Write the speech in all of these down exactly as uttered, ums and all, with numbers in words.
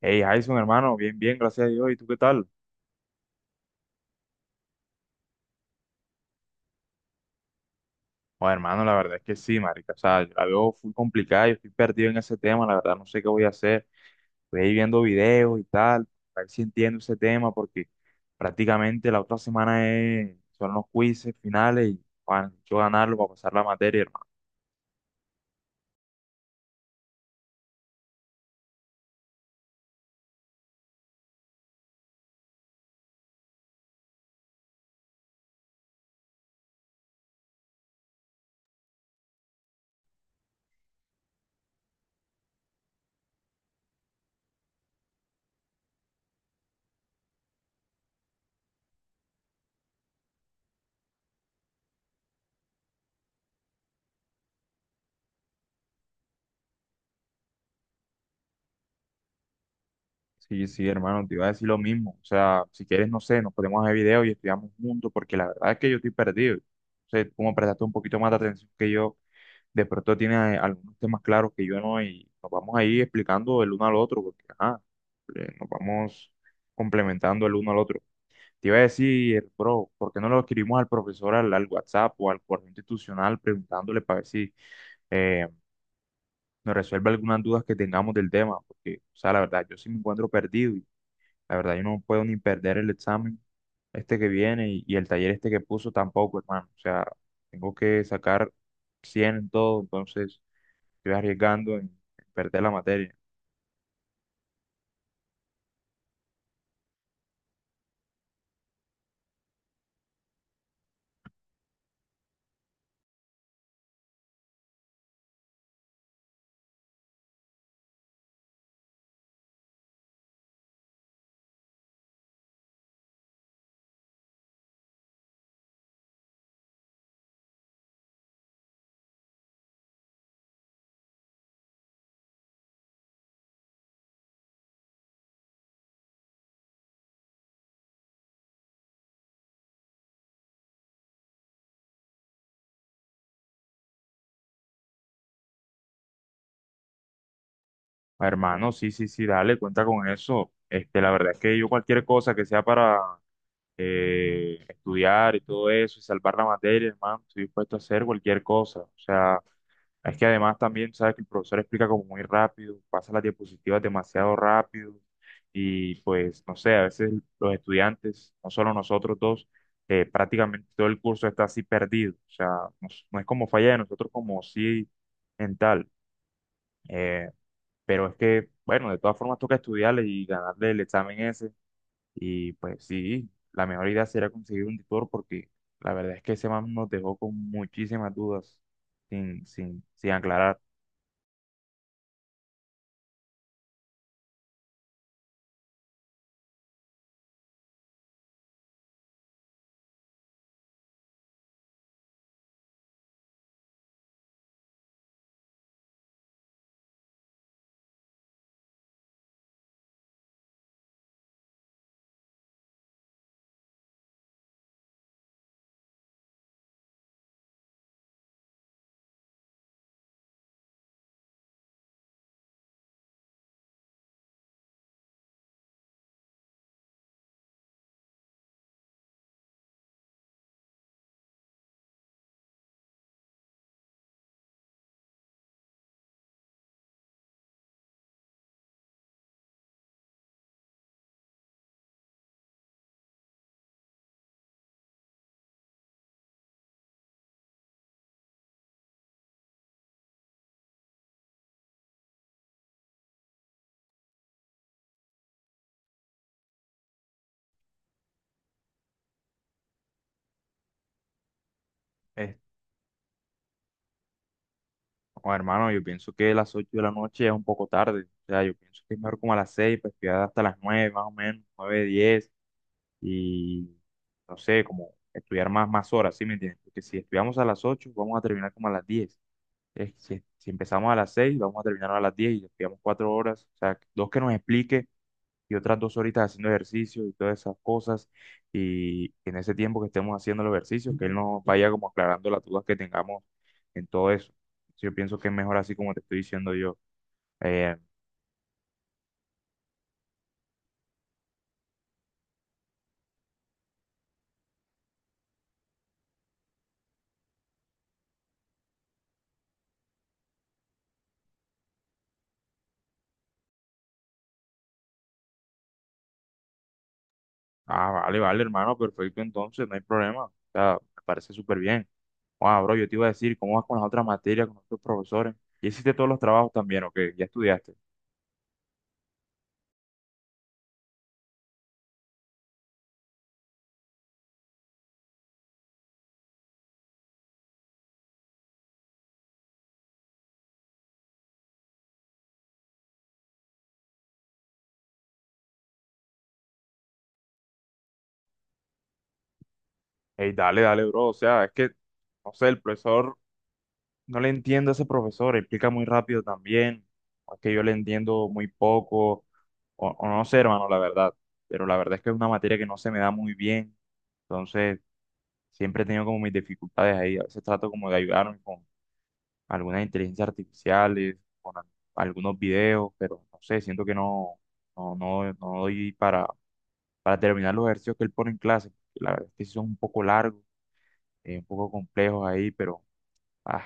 Hey, Jason, hermano, bien, bien, gracias a Dios. ¿Y tú qué tal? Bueno, hermano, la verdad es que sí, marica. O sea, yo la veo full complicada, yo estoy perdido en ese tema, la verdad no sé qué voy a hacer. Estoy ahí viendo videos y tal, a ver si entiendo ese tema, porque prácticamente la otra semana es- son los quizzes finales y bueno, yo ganarlo para pasar la materia, hermano. Sí, sí, hermano, te iba a decir lo mismo. O sea, si quieres, no sé, nos podemos hacer videos y estudiamos juntos, porque la verdad es que yo estoy perdido. O sea, como prestaste un poquito más de atención que yo de pronto tiene a- algunos temas claros que yo no, y nos vamos a ir explicando el uno al otro, porque ajá, eh, nos vamos complementando el uno al otro. Te iba a decir, bro, ¿por qué no lo escribimos al profesor al, al WhatsApp o al correo institucional preguntándole para ver si eh, nos resuelve algunas dudas que tengamos del tema? Porque, o sea, la verdad, yo sí me encuentro perdido y la verdad yo no puedo ni perder el examen este que viene y, y el taller este que puso tampoco, hermano. O sea, tengo que sacar cien en todo, entonces estoy arriesgando en perder la materia. Hermano, sí, sí, sí, dale, cuenta con eso. Este, la verdad es que yo cualquier cosa que sea para eh, estudiar y todo eso y salvar la materia, hermano, estoy dispuesto a hacer cualquier cosa. O sea, es que además también, sabes que el profesor explica como muy rápido, pasa las diapositivas demasiado rápido y pues, no sé, a veces los estudiantes, no solo nosotros dos, eh, prácticamente todo el curso está así perdido. O sea, no, es no es como falla de nosotros como sí en tal. Eh, pero es que, bueno, de todas formas toca estudiarle y ganarle el examen ese. Y pues sí, la mejor idea sería conseguir un tutor porque la verdad es que ese man nos dejó con muchísimas dudas sin, sin, sin aclarar. Eh, oh, hermano, yo pienso que las ocho de la noche ya es un poco tarde. O sea, yo pienso que es mejor como a las seis pues estudiar hasta las nueve más o menos, nueve diez y no sé, como estudiar más, más horas, ¿sí me entiendes? Porque si estudiamos a las ocho vamos a terminar como a las diez. Eh, si, si empezamos a las seis, vamos a terminar a las diez y nos quedamos cuatro horas. O sea, dos que nos explique y otras dos horitas haciendo ejercicio y todas esas cosas. Y en ese tiempo que estemos haciendo los ejercicios, que él nos vaya como aclarando las dudas que tengamos en todo eso. Yo pienso que es mejor así como te estoy diciendo yo. Eh, ah, vale, vale, hermano, perfecto, entonces, no hay problema. O sea, me parece súper bien. Wow, bro, yo te iba a decir, ¿cómo vas con las otras materias, con los otros profesores? ¿Y hiciste todos los trabajos también o qué? ¿Ya estudiaste? Ey, dale, dale, bro. O sea, es que, no sé, el profesor, no le entiendo a ese profesor, explica muy rápido también. O es que yo le entiendo muy poco, o, o no sé, hermano, la verdad. Pero la verdad es que es una materia que no se me da muy bien. Entonces, siempre he tenido como mis dificultades ahí. A veces trato como de ayudarme con algunas inteligencias artificiales, con al- algunos videos, pero no sé, siento que no, no, no, no doy para, para terminar los ejercicios que él pone en clase. La verdad es que sí son un poco largos, eh, un poco complejos ahí, pero ah,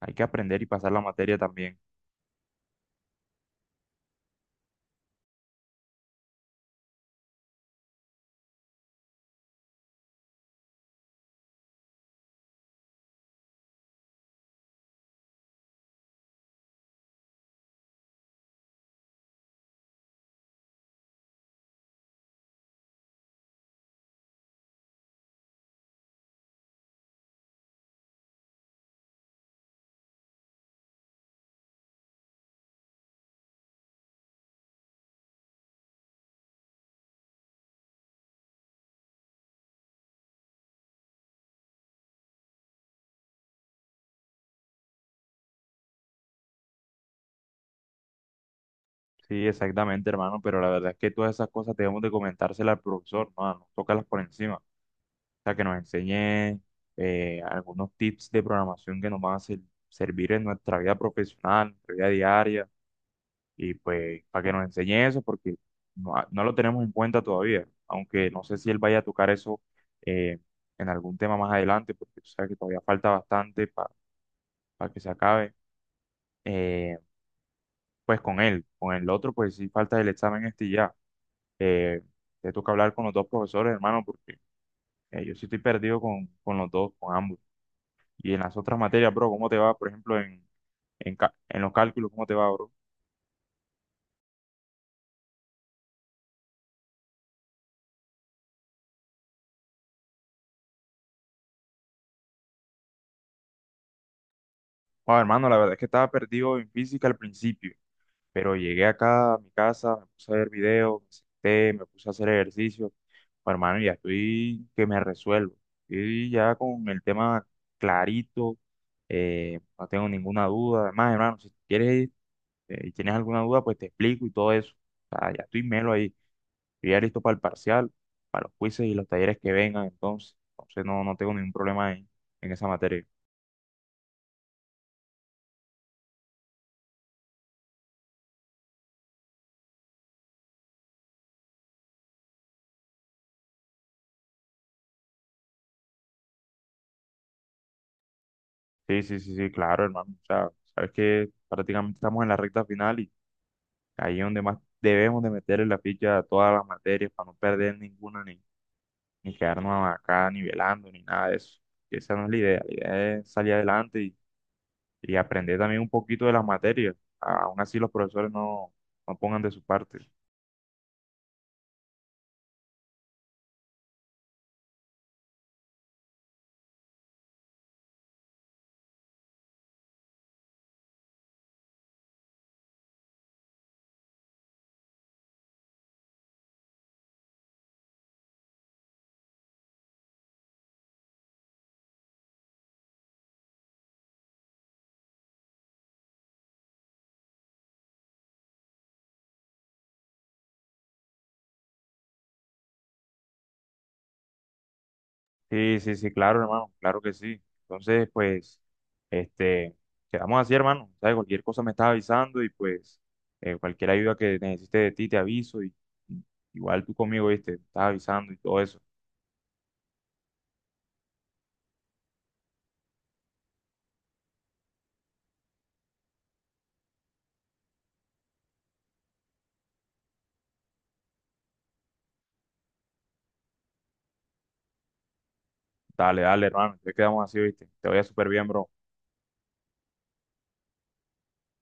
hay que aprender y pasar la materia también. Sí, exactamente, hermano, pero la verdad es que todas esas cosas debemos de comentárselas al profesor, no, no tocarlas por encima. O sea, que nos enseñe eh, algunos tips de programación que nos van a ser- servir en nuestra vida profesional, en nuestra vida diaria, y pues para que nos enseñe eso, porque no, ha- no lo tenemos en cuenta todavía, aunque no sé si él vaya a tocar eso eh, en algún tema más adelante, porque tú sabes que todavía falta bastante para que se acabe. eh, pues con él. Con el otro, pues sí falta el examen este y ya. Eh, Te toca hablar con los dos profesores, hermano, porque eh, yo sí estoy perdido con, con los dos, con ambos. Y en las otras materias, bro, ¿cómo te va? Por ejemplo, en, en, ca- en los cálculos, ¿cómo te va, bro? Bueno, hermano, la verdad es que estaba perdido en física al principio, pero llegué acá a mi casa, me puse a ver videos, me senté, me puse a hacer ejercicio. Bueno, hermano, ya estoy que me resuelvo. Estoy ya con el tema clarito, eh, no tengo ninguna duda. Además, hermano, si quieres eh, y tienes alguna duda, pues te explico y todo eso. O sea, ya estoy melo ahí. Estoy ya listo para el parcial, para los quizzes y los talleres que vengan, entonces. Entonces no, no tengo ningún problema en, en esa materia. Sí, sí, sí, sí, claro, hermano. O sea, sabes que prácticamente estamos en la recta final y ahí es donde más debemos de meterle la ficha a todas las materias para no perder ninguna ni quedarnos acá nivelando, ni nada de eso. Esa no es la idea, la idea es salir adelante y, y aprender también un poquito de las materias. A- Aún así los profesores no, no pongan de su parte. Sí, sí, sí, claro, hermano, claro que sí. Entonces, pues, este, quedamos así, hermano. ¿Sabes? Cualquier cosa me estás avisando y pues eh, cualquier ayuda que necesites de ti te aviso y y igual tú conmigo, ¿viste? Me estás avisando y todo eso. Dale, dale, hermano. Entonces quedamos así, ¿viste? Te vaya súper bien, bro.